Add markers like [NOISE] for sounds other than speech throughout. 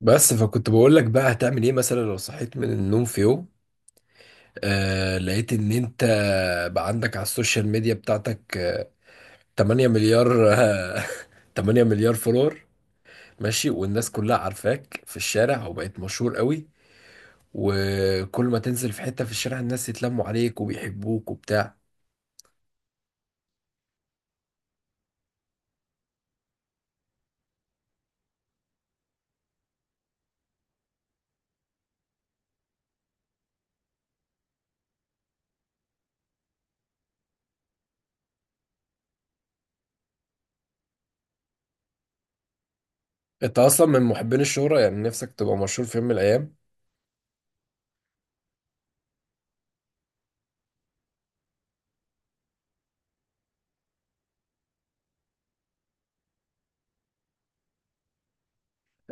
بس فكنت بقول لك بقى هتعمل ايه مثلا لو صحيت من النوم في يوم لقيت ان انت بقى عندك على السوشيال ميديا بتاعتك، 8 مليار [LAUGHS] 8 مليار فولور. ماشي، والناس كلها عارفاك في الشارع وبقيت مشهور قوي، وكل ما تنزل في حتة في الشارع الناس يتلموا عليك وبيحبوك وبتاع. انت اصلا من محبين الشهرة؟ يعني نفسك تبقى مشهور في يوم من الايام؟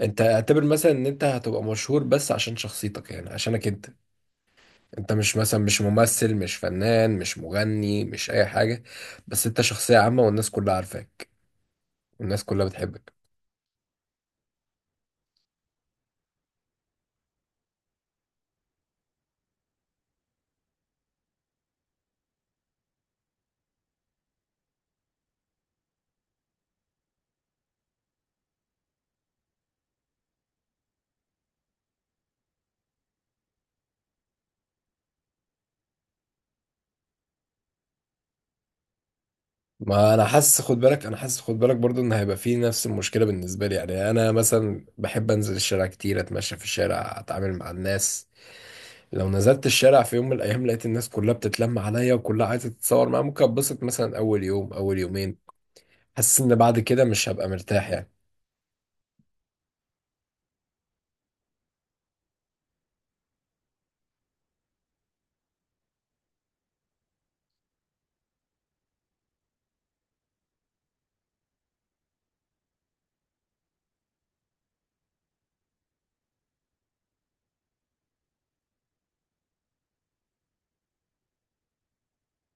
انت اعتبر مثلا ان انت هتبقى مشهور بس عشان شخصيتك، يعني عشانك انت مش مثلا، مش ممثل، مش فنان، مش مغني، مش اي حاجة، بس انت شخصية عامة والناس كلها عارفاك والناس كلها بتحبك. ما انا حاسس خد بالك برضو ان هيبقى فيه نفس المشكلة بالنسبة لي. يعني انا مثلا بحب انزل الشارع كتير، اتمشى في الشارع، اتعامل مع الناس. لو نزلت الشارع في يوم من الايام لقيت الناس كلها بتتلم عليا وكلها عايزة تتصور معايا، ممكن اتبسط مثلا اول يوم اول يومين. حاسس ان بعد كده مش هبقى مرتاح يعني.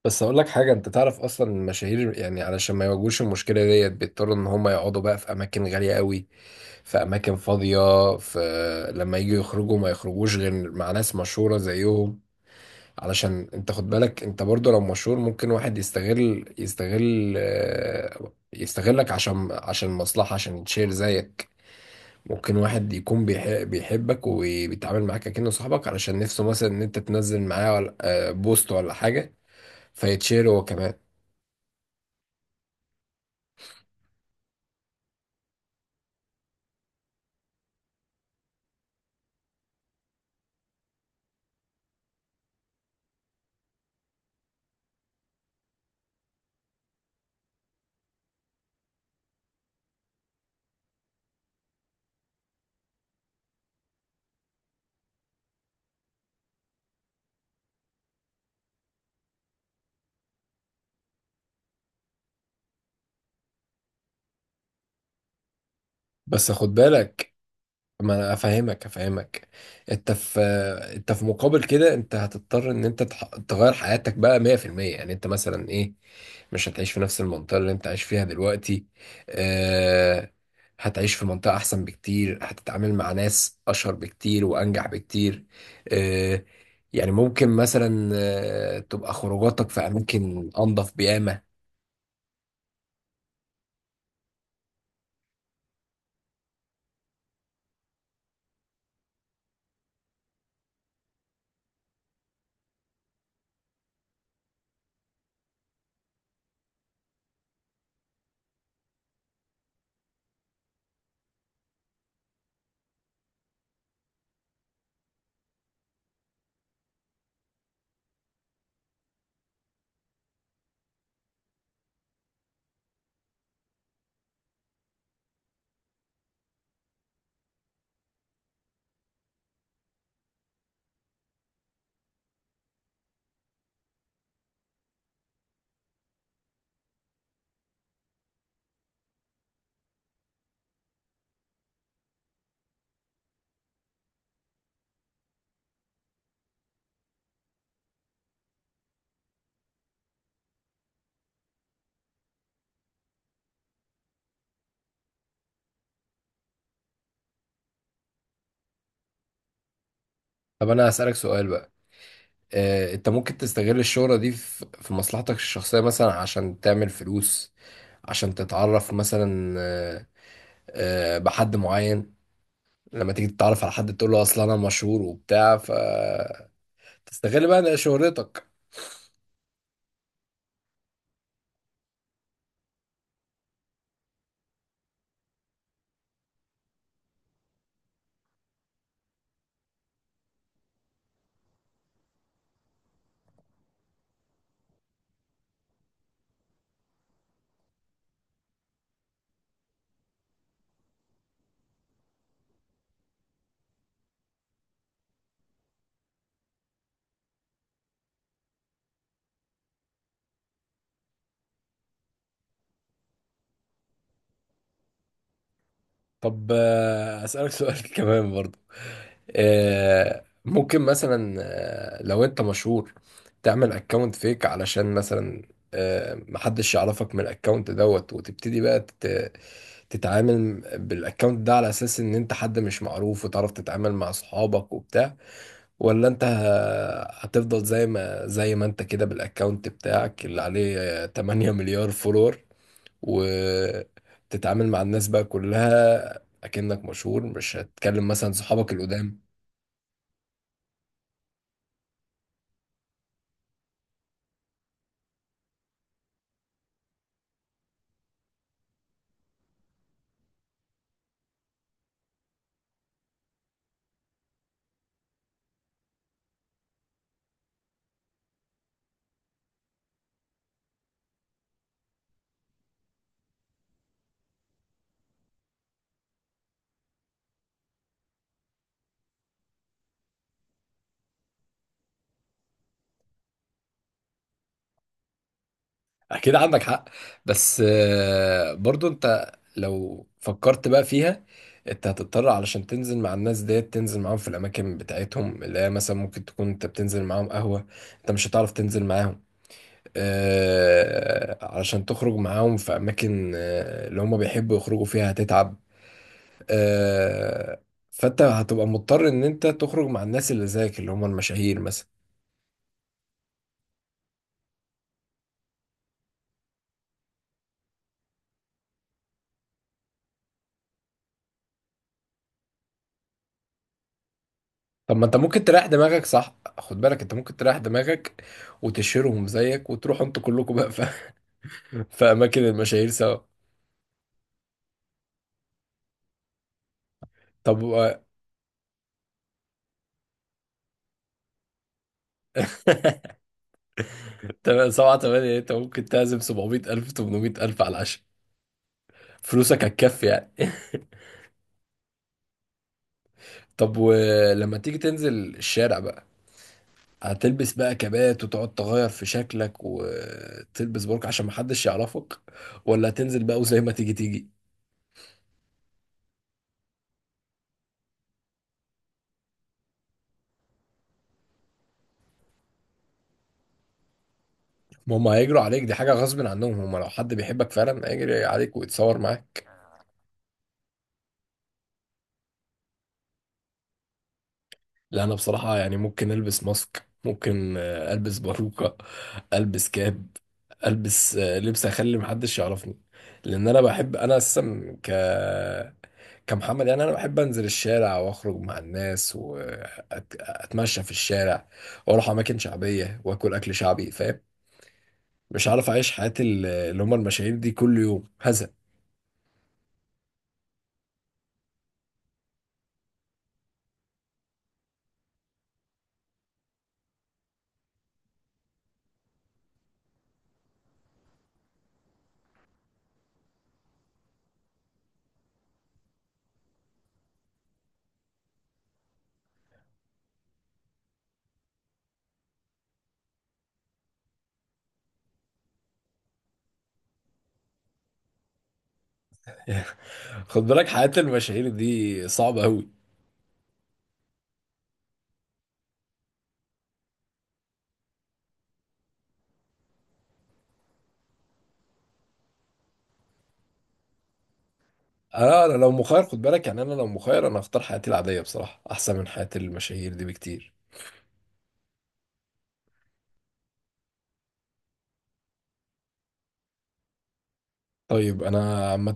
بس اقول لك حاجه، انت تعرف اصلا المشاهير يعني علشان ما يواجهوش المشكله ديت بيضطروا ان هم يقعدوا بقى في اماكن غاليه قوي، في اماكن فاضيه، في لما يجوا يخرجوا ما يخرجوش غير مع ناس مشهوره زيهم. علشان انت خد بالك، انت برضو لو مشهور ممكن واحد يستغل، يستغلك، عشان مصلحه، عشان يتشير زيك. ممكن واحد يكون بيحبك وبيتعامل معاك كأنه صاحبك علشان نفسه مثلا ان انت تنزل معاه بوست ولا حاجه، فيتشير هو كمان. بس خد بالك، ما انا افهمك. انت في انت في مقابل كده انت هتضطر ان انت تغير حياتك بقى 100%. يعني انت مثلا ايه، مش هتعيش في نفس المنطقة اللي انت عايش فيها دلوقتي. آه هتعيش في منطقة احسن بكتير، هتتعامل مع ناس اشهر بكتير وانجح بكتير. آه يعني ممكن مثلا تبقى خروجاتك في اماكن انضف بيامة. طب انا هسألك سؤال بقى. انت ممكن تستغل الشهرة دي في مصلحتك الشخصية مثلا عشان تعمل فلوس، عشان تتعرف مثلا، بحد معين؟ لما تيجي تتعرف على حد تقول له اصل انا مشهور وبتاع، فتستغل بقى شهرتك. طب، أسألك سؤال [LAUGHS] كمان برضو. ممكن مثلا، لو انت مشهور تعمل اكونت فيك علشان مثلا محدش يعرفك من الاكونت دوت، وتبتدي بقى تتعامل بالاكونت ده على اساس ان انت حد مش معروف، وتعرف تتعامل مع صحابك وبتاع. ولا انت هتفضل زي ما انت كده بالاكونت بتاعك اللي عليه، 8 مليار فولور، وتتعامل مع الناس بقى كلها اكنك مشهور، مش هتكلم مثلا صحابك القدام؟ اكيد عندك حق، بس برضو انت لو فكرت بقى فيها انت هتضطر علشان تنزل مع الناس ديت تنزل معاهم في الاماكن بتاعتهم اللي هي مثلا ممكن تكون انت بتنزل معاهم قهوة. انت مش هتعرف تنزل معاهم علشان تخرج معاهم في اماكن، اللي هم بيحبوا يخرجوا فيها، هتتعب. آه، فانت هتبقى مضطر ان انت تخرج مع الناس اللي زيك اللي هم المشاهير مثلا. طب، ما انت ممكن تريح دماغك، صح؟ خد بالك، انت ممكن تريح دماغك وتشيرهم زيك وتروحوا انتوا كلكم بقى [LAUGHS] في اماكن المشاهير سوا. طب [LAUGHS] تمام، سبعة تمانية، انت ممكن تعزم 700 ألف 800 ألف على العشاء، فلوسك هتكفي يعني. [LAUGHS] طب ولما تيجي تنزل الشارع بقى، هتلبس بقى كبات وتقعد تغير في شكلك وتلبس برك عشان محدش يعرفك، ولا هتنزل بقى وزي ما تيجي تيجي؟ ما هم هيجروا عليك، دي حاجة غصب عنهم، هم لو حد بيحبك فعلا هيجري عليك ويتصور معاك. لا، انا بصراحة يعني ممكن البس ماسك، ممكن البس باروكة، البس كاب، البس لبس اخلي محدش يعرفني. لان انا بحب، انا اصلا كمحمد، يعني انا بحب انزل الشارع واخرج مع الناس واتمشى في الشارع واروح اماكن شعبيه واكل اكل شعبي، فاهم؟ مش عارف اعيش حياه اللي هم المشاهير دي كل يوم هزق. [LAUGHS] خد بالك حياه المشاهير دي صعبه قوي. انا لو مخير، خد بالك، يعني انا لو مخير انا اختار حياتي العاديه بصراحه احسن من حياه المشاهير دي بكتير. طيب انا عامه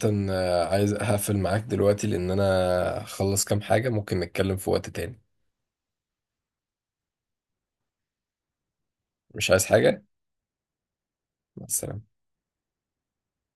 عايز اقفل معاك دلوقتي لان انا اخلص كام حاجه، ممكن نتكلم في وقت تاني. مش عايز حاجه. مع السلامه.